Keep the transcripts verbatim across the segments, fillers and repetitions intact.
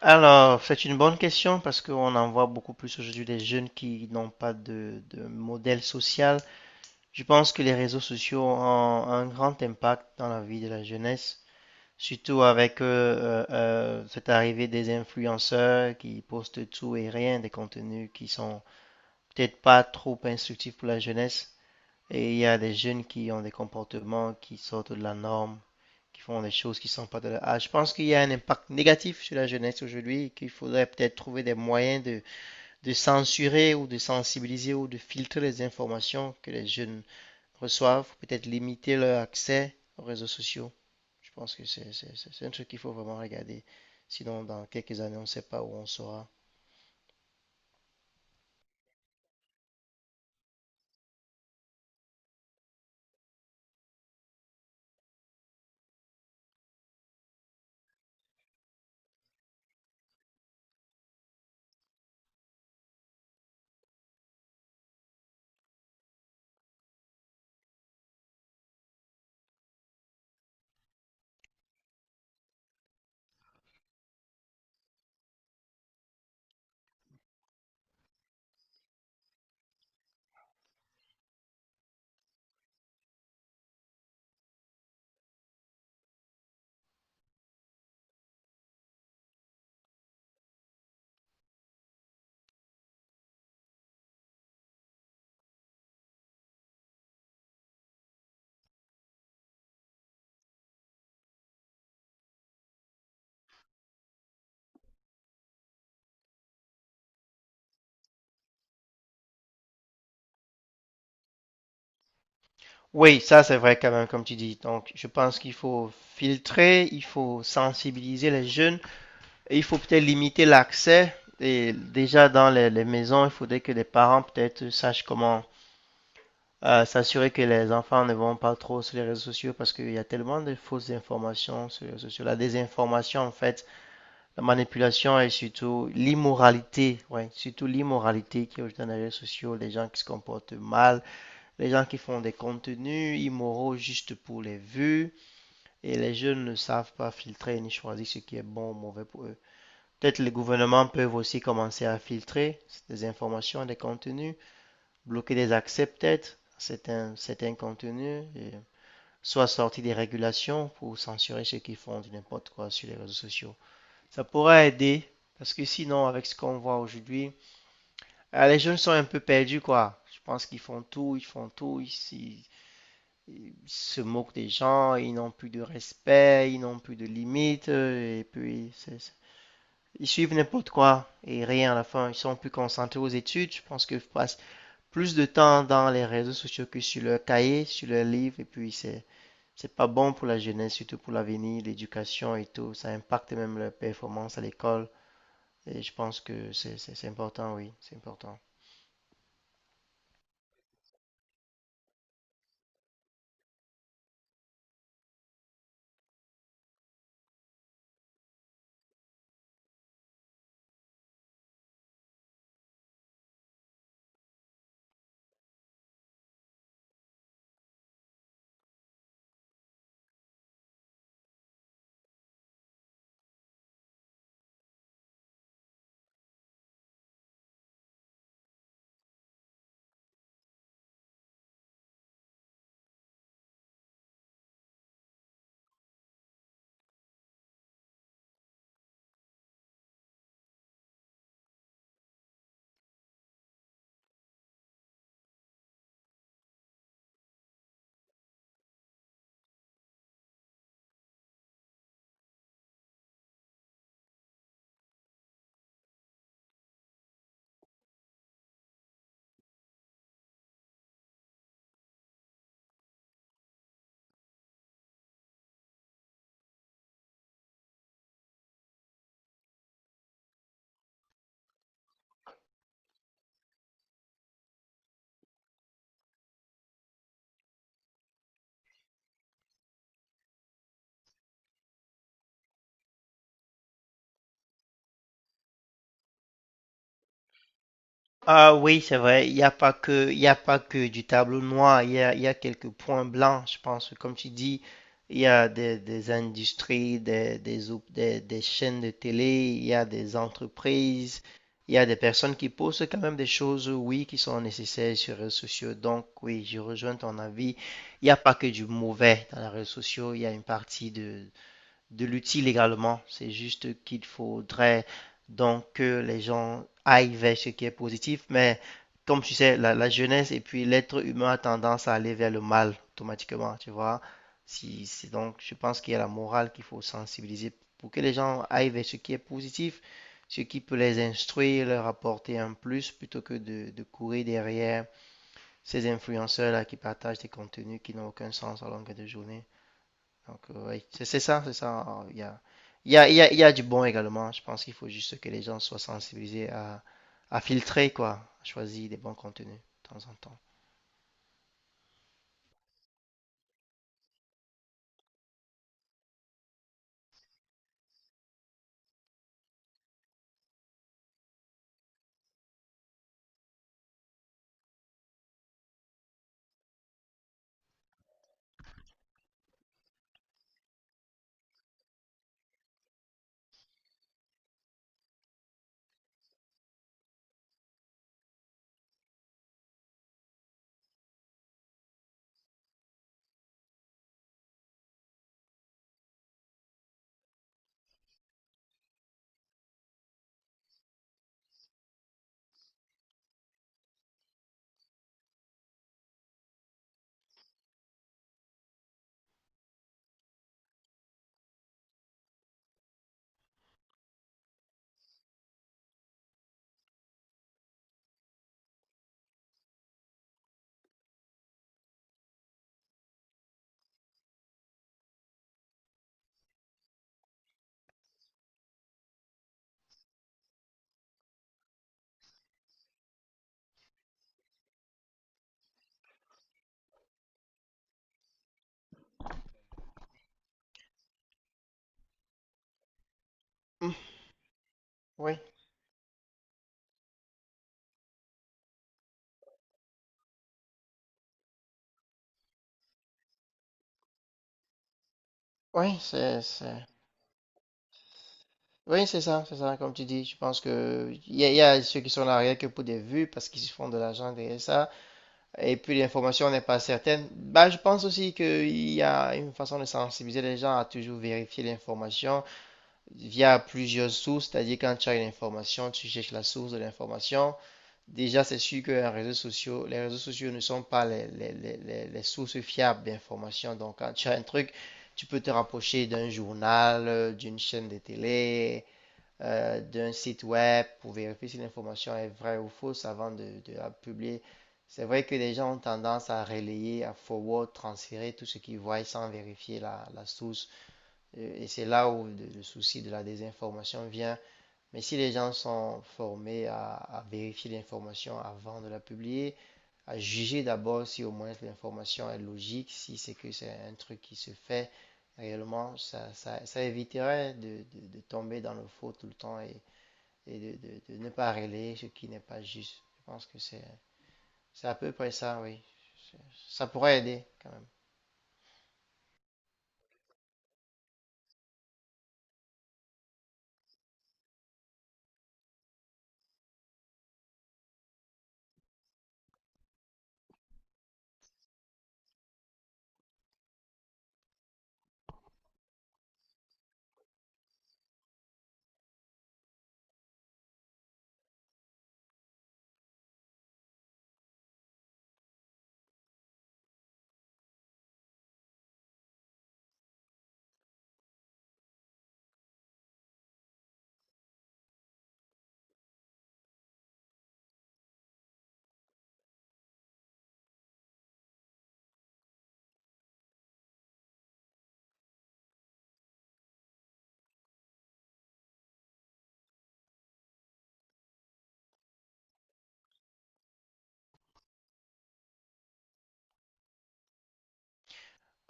Alors, c'est une bonne question parce qu'on en voit beaucoup plus aujourd'hui des jeunes qui n'ont pas de, de modèle social. Je pense que les réseaux sociaux ont un grand impact dans la vie de la jeunesse, surtout avec euh, euh, euh, cette arrivée des influenceurs qui postent tout et rien, des contenus qui sont peut-être pas trop instructifs pour la jeunesse. Et il y a des jeunes qui ont des comportements qui sortent de la norme qui font des choses qui ne sont pas de leur âge. Je pense qu'il y a un impact négatif sur la jeunesse aujourd'hui et qu'il faudrait peut-être trouver des moyens de, de censurer ou de sensibiliser ou de filtrer les informations que les jeunes reçoivent, peut-être limiter leur accès aux réseaux sociaux. Je pense que c'est c'est- c'est- c'est un truc qu'il faut vraiment regarder. Sinon, dans quelques années, on ne sait pas où on sera. Oui, ça c'est vrai quand même, comme tu dis. Donc, je pense qu'il faut filtrer, il faut sensibiliser les jeunes. Et il faut peut-être limiter l'accès. Et déjà dans les, les maisons, il faudrait que les parents peut-être sachent comment euh, s'assurer que les enfants ne vont pas trop sur les réseaux sociaux parce qu'il y a tellement de fausses informations sur les réseaux sociaux. La désinformation, en fait, la manipulation et surtout l'immoralité. Ouais, surtout l'immoralité qui est aujourd'hui dans les réseaux sociaux. Les gens qui se comportent mal, les gens qui font des contenus immoraux juste pour les vues. Et les jeunes ne savent pas filtrer ni choisir ce qui est bon ou mauvais pour eux. Peut-être les gouvernements peuvent aussi commencer à filtrer des informations, des contenus, bloquer des accès peut-être à certains, certains contenus, et soit sortir des régulations pour censurer ceux qui font n'importe quoi sur les réseaux sociaux. Ça pourrait aider, parce que sinon, avec ce qu'on voit aujourd'hui, euh, les jeunes sont un peu perdus, quoi. Je pense qu'ils font tout, ils font tout, ils, ils- se moquent des gens, ils n'ont plus de respect, ils n'ont plus de limites, euh, et puis c'est ils suivent n'importe quoi et rien à la fin. Ils sont plus concentrés aux études. Je pense qu'ils passent plus de temps dans les réseaux sociaux que sur leur cahier, sur leur livre. Et puis, c'est, c'est pas bon pour la jeunesse, surtout pour l'avenir, l'éducation et tout. Ça impacte même leur performance à l'école. Et je pense que c'est, c'est, c'est important, oui, c'est important. Ah oui, c'est vrai, il n'y a pas que, il y a pas que du tableau noir, il y a, il y a quelques points blancs, je pense. Comme tu dis, il y a des, des industries, des, des, op- des, des chaînes de télé, il y a des entreprises, il y a des personnes qui postent quand même des choses, oui, qui sont nécessaires sur les réseaux sociaux. Donc oui, je rejoins ton avis. Il n'y a pas que du mauvais dans les réseaux sociaux, il y a une partie de l'utile également. C'est juste qu'il faudrait donc que les gens aillent vers ce qui est positif, mais comme tu sais, la, la jeunesse et puis l'être humain a tendance à aller vers le mal automatiquement, tu vois. Si, c'est donc, je pense qu'il y a la morale qu'il faut sensibiliser pour que les gens aillent vers ce qui est positif, ce qui peut les instruire, leur apporter un plus, plutôt que de, de courir derrière ces influenceurs-là qui partagent des contenus qui n'ont aucun sens à longueur de journée. Donc, euh, ouais, c'est c'est ça, c'est ça. Alors, il y a, il y a, il y a, il y a du bon également. Je pense qu'il faut juste que les gens soient sensibilisés à, à filtrer, quoi, à choisir des bons contenus de temps en temps. Mm. Oui, oui, c'est, c'est- oui, c'est ça, c'est ça, comme tu dis. Je pense que il y a, il y a ceux qui sont là rien que pour des vues parce qu'ils se font de l'argent derrière ça. Et puis l'information n'est pas certaine. Bah, je pense aussi qu'il y a une façon de sensibiliser les gens à toujours vérifier l'information via plusieurs sources, c'est-à-dire quand tu as une information, tu cherches la source de l'information. Déjà, c'est sûr que les réseaux sociaux, les réseaux sociaux ne sont pas les, les, les, les sources fiables d'information. Donc, quand tu as un truc, tu peux te rapprocher d'un journal, euh, d'une chaîne de télé, euh, d'un site web pour vérifier si l'information est vraie ou fausse avant de, de la publier. C'est vrai que les gens ont tendance à relayer, à forward, transférer tout ce qu'ils voient sans vérifier la, la source. Euh, Et c'est là où le souci de la désinformation vient. Mais si les gens sont formés à, à vérifier l'information avant de la publier, à juger d'abord si au moins l'information est logique, si c'est que c'est un truc qui se fait réellement, ça, ça, ça éviterait de, de- de tomber dans le faux tout le temps et, et de, de- de ne pas relayer ce qui n'est pas juste. Je pense que c'est c'est à peu près ça, oui. Ça pourrait aider quand même.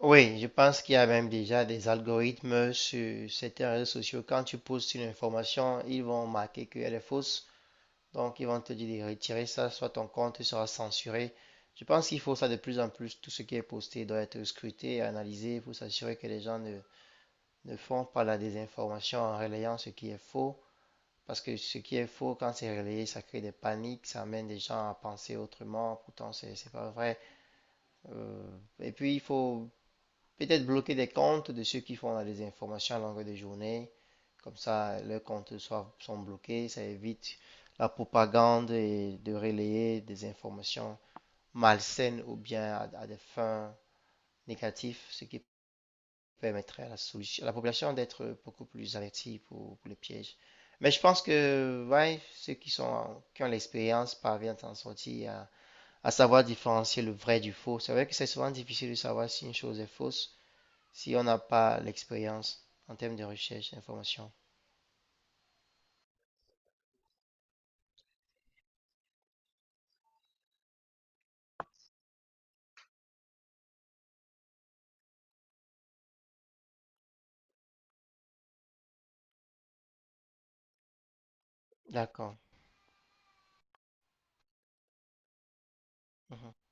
Oui, je pense qu'il y a même déjà des algorithmes sur certains réseaux sociaux. Quand tu postes une information, ils vont marquer qu'elle est fausse. Donc, ils vont te dire de retirer ça, soit ton compte sera censuré. Je pense qu'il faut ça de plus en plus. Tout ce qui est posté doit être scruté et analysé pour s'assurer que les gens ne, ne font pas la désinformation en relayant ce qui est faux. Parce que ce qui est faux, quand c'est relayé, ça crée des paniques, ça amène des gens à penser autrement. Pourtant, c'est c'est pas vrai. Euh, et puis, il faut peut-être bloquer des comptes de ceux qui font des informations à longueur de journée. Comme ça, leurs comptes sont bloqués. Ça évite la propagande et de relayer des informations malsaines ou bien à, à des fins négatives, ce qui permettrait à la solution, à la population d'être beaucoup plus avertie pour, pour les pièges. Mais je pense que ouais, ceux qui sont, qui ont l'expérience parviennent à en sortir, à, à savoir différencier le vrai du faux. C'est vrai que c'est souvent difficile de savoir si une chose est fausse si on n'a pas l'expérience en termes de recherche d'information. D'accord. Mhm.